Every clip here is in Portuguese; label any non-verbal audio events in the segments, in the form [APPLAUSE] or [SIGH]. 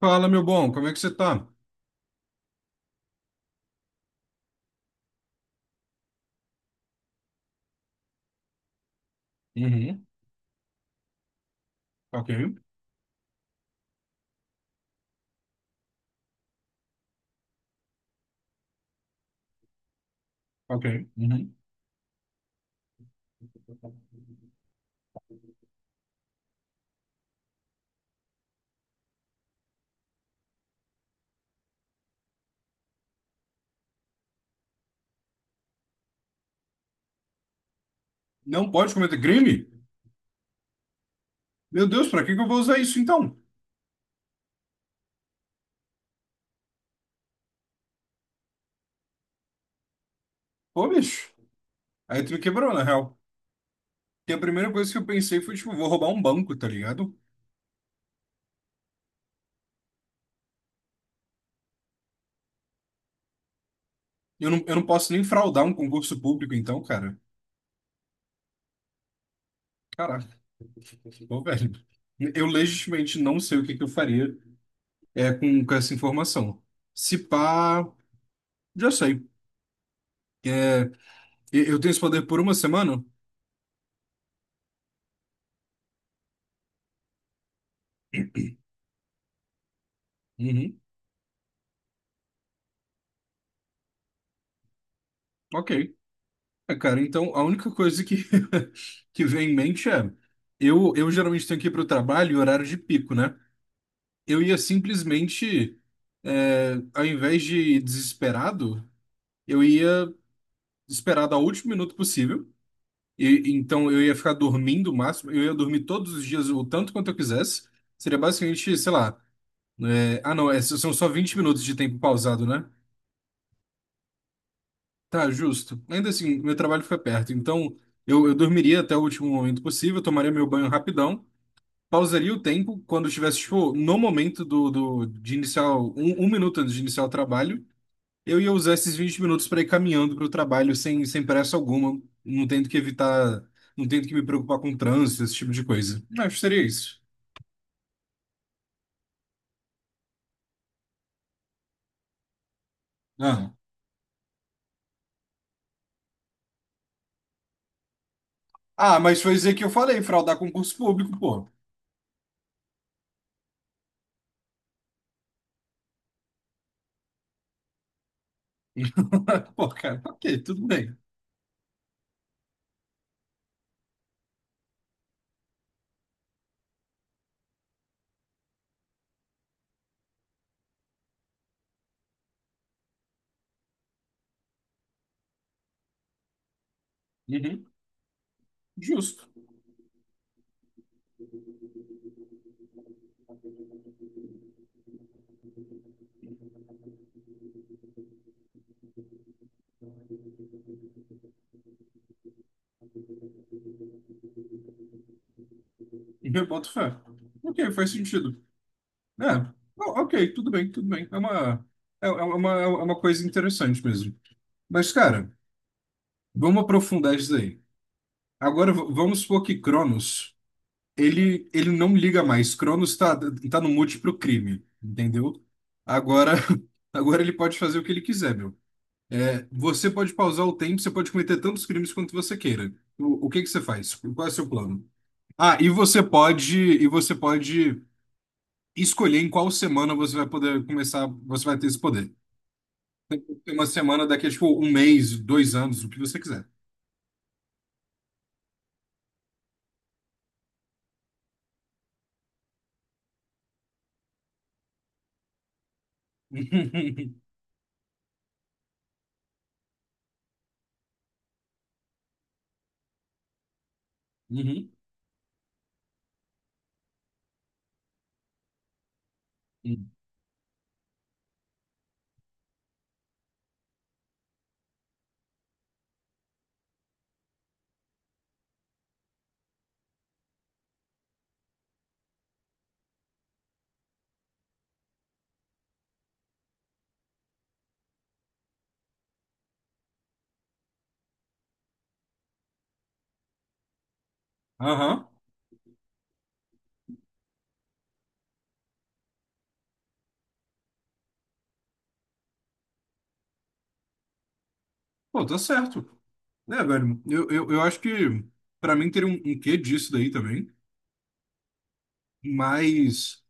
Fala, meu bom, como é que você tá? Uhum. Ok, ok. Uhum. Não pode cometer crime? Meu Deus, pra que que eu vou usar isso então? Pô, bicho. Aí tu me quebrou, na real. Porque a primeira coisa que eu pensei foi, tipo, vou roubar um banco, tá ligado? Eu não posso nem fraudar um concurso público, então, cara. Caraca, pô, velho. Eu legitimamente não sei o que que eu faria com essa informação. Se pá, já sei. É, eu tenho esse poder por uma semana? Uhum. Ok. Cara, então a única coisa que, [LAUGHS] que vem em mente eu geralmente tenho que ir para o trabalho em horário de pico, né? Eu ia simplesmente, ao invés de ir desesperado, eu ia esperar dar o último minuto possível. E então eu ia ficar dormindo o máximo, eu ia dormir todos os dias o tanto quanto eu quisesse. Seria basicamente, sei lá, ah não, são só 20 minutos de tempo pausado, né? Tá, justo. Ainda assim, meu trabalho fica perto, então eu dormiria até o último momento possível, tomaria meu banho rapidão, pausaria o tempo quando eu estivesse, tipo, no momento de iniciar, um minuto antes de iniciar o trabalho, eu ia usar esses 20 minutos para ir caminhando para o trabalho sem pressa alguma, não tendo que evitar, não tendo que me preocupar com trânsito, esse tipo de coisa. Acho que seria isso. Ah, ah, mas foi dizer que eu falei, fraudar concurso público, pô. [LAUGHS] Pô, cara, ok, tudo bem. Uhum, justo. Eu boto fé. Ok, faz sentido. É, ok, tudo bem, tudo bem. É uma coisa interessante mesmo. Mas, cara, vamos aprofundar isso daí. Agora, vamos supor que Cronos, ele não liga mais. Cronos tá no múltiplo crime, entendeu? Agora, [LAUGHS] agora ele pode fazer o que ele quiser, meu. Você pode pausar o tempo, você pode cometer tantos crimes quanto você queira. O que que você faz? Qual é o seu plano? Ah, e você pode escolher em qual semana você vai poder começar, você vai ter esse poder. Tem uma semana daqui a, tipo, um mês, 2 anos, o que você quiser. [LAUGHS] Uhum. Aham. Pô, tá certo. Velho, eu acho que pra mim teria um quê disso daí também, mas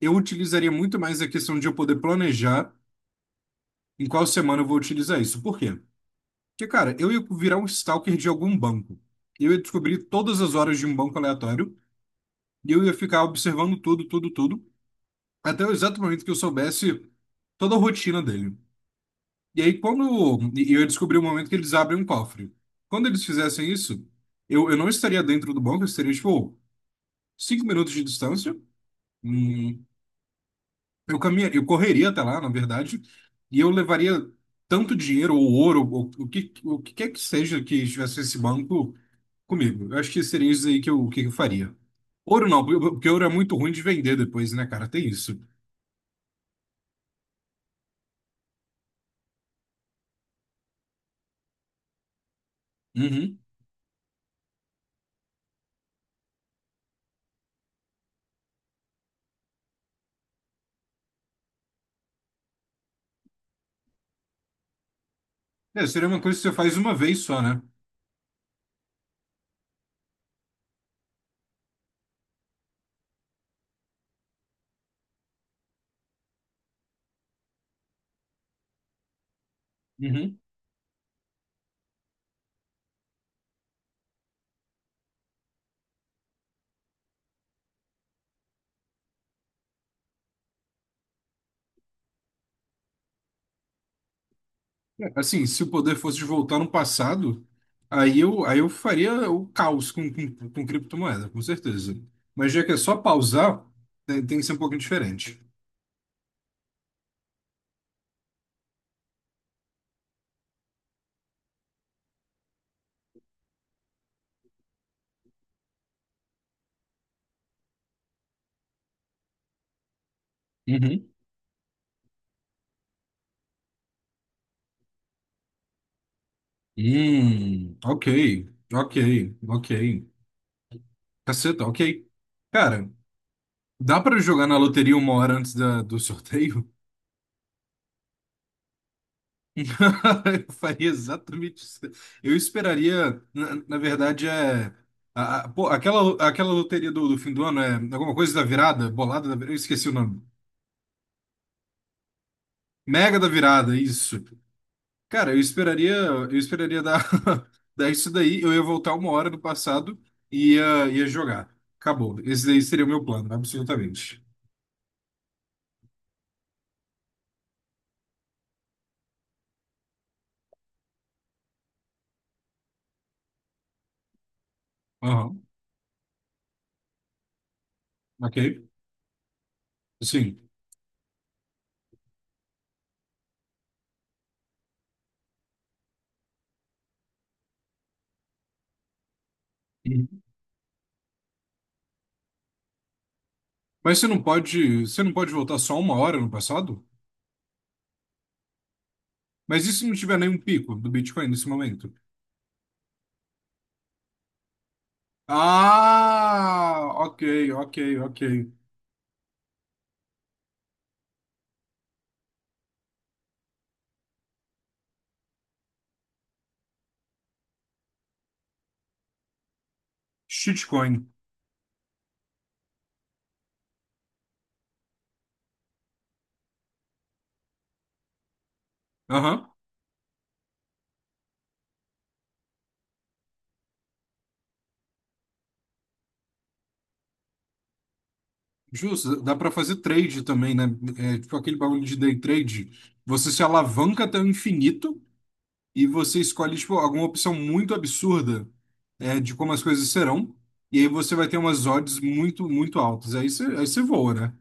eu utilizaria muito mais a questão de eu poder planejar em qual semana eu vou utilizar isso. Por quê? Porque, cara, eu ia virar um stalker de algum banco. Eu ia descobrir todas as horas de um banco aleatório e eu ia ficar observando tudo, tudo, tudo. Até o exato momento que eu soubesse toda a rotina dele. E aí, quando e eu descobri o momento que eles abrem um cofre. Quando eles fizessem isso, eu não estaria dentro do banco, eu estaria, tipo, 5 minutos de distância. Hum, eu caminharia, eu correria até lá, na verdade, e eu levaria tanto dinheiro ou ouro, ou, o que quer que seja que estivesse nesse banco comigo. Eu acho que seria isso aí que eu faria. Ouro não, porque ouro é muito ruim de vender depois, né, cara? Tem isso. Uhum. Seria uma coisa que você faz uma vez só, né? Uhum. Assim, se o poder fosse de voltar no passado, aí eu faria o caos com criptomoeda, com certeza. Mas já que é só pausar, tem que ser um pouquinho diferente. Uhum. Ok, ok, ok. Caceta, ok. Cara, dá pra jogar na loteria uma hora antes do sorteio? [LAUGHS] Eu faria exatamente isso. Eu esperaria, na verdade. Pô, aquela loteria do fim do ano é alguma coisa da virada, bolada da virada, eu esqueci o nome. Mega da Virada, isso. Cara, eu esperaria dar, [LAUGHS] dar isso daí, eu ia voltar uma hora do passado e ia jogar. Acabou. Esse daí seria o meu plano, absolutamente. Aham, ok. Sim. Mas você não pode voltar só uma hora no passado? Mas e se não tiver nenhum pico do Bitcoin nesse momento? Ah, ok, ok, ok. Shitcoin. Aham. Justo, dá pra fazer trade também, né? Tipo aquele bagulho de day trade. Você se alavanca até o infinito e você escolhe, tipo, alguma opção muito absurda, de como as coisas serão. E aí você vai ter umas odds muito, muito altas. Aí você voa, né?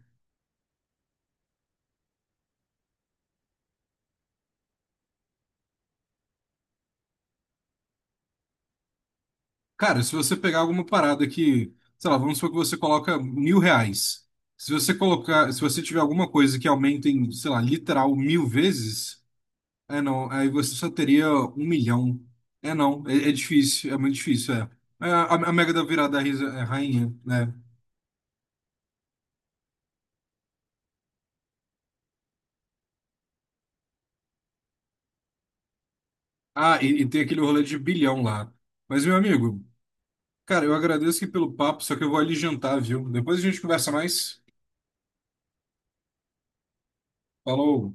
Cara, se você pegar alguma parada que, sei lá, vamos supor que você coloca R$ 1.000. Se você tiver alguma coisa que aumente em, sei lá, literal 1.000 vezes, é não, aí você só teria 1 milhão. É não, é difícil, é muito difícil. A Mega da Virada é a rainha, né? Ah, e tem aquele rolê de bilhão lá. Mas, meu amigo, cara, eu agradeço aqui pelo papo, só que eu vou ali jantar, viu? Depois a gente conversa mais. Falou!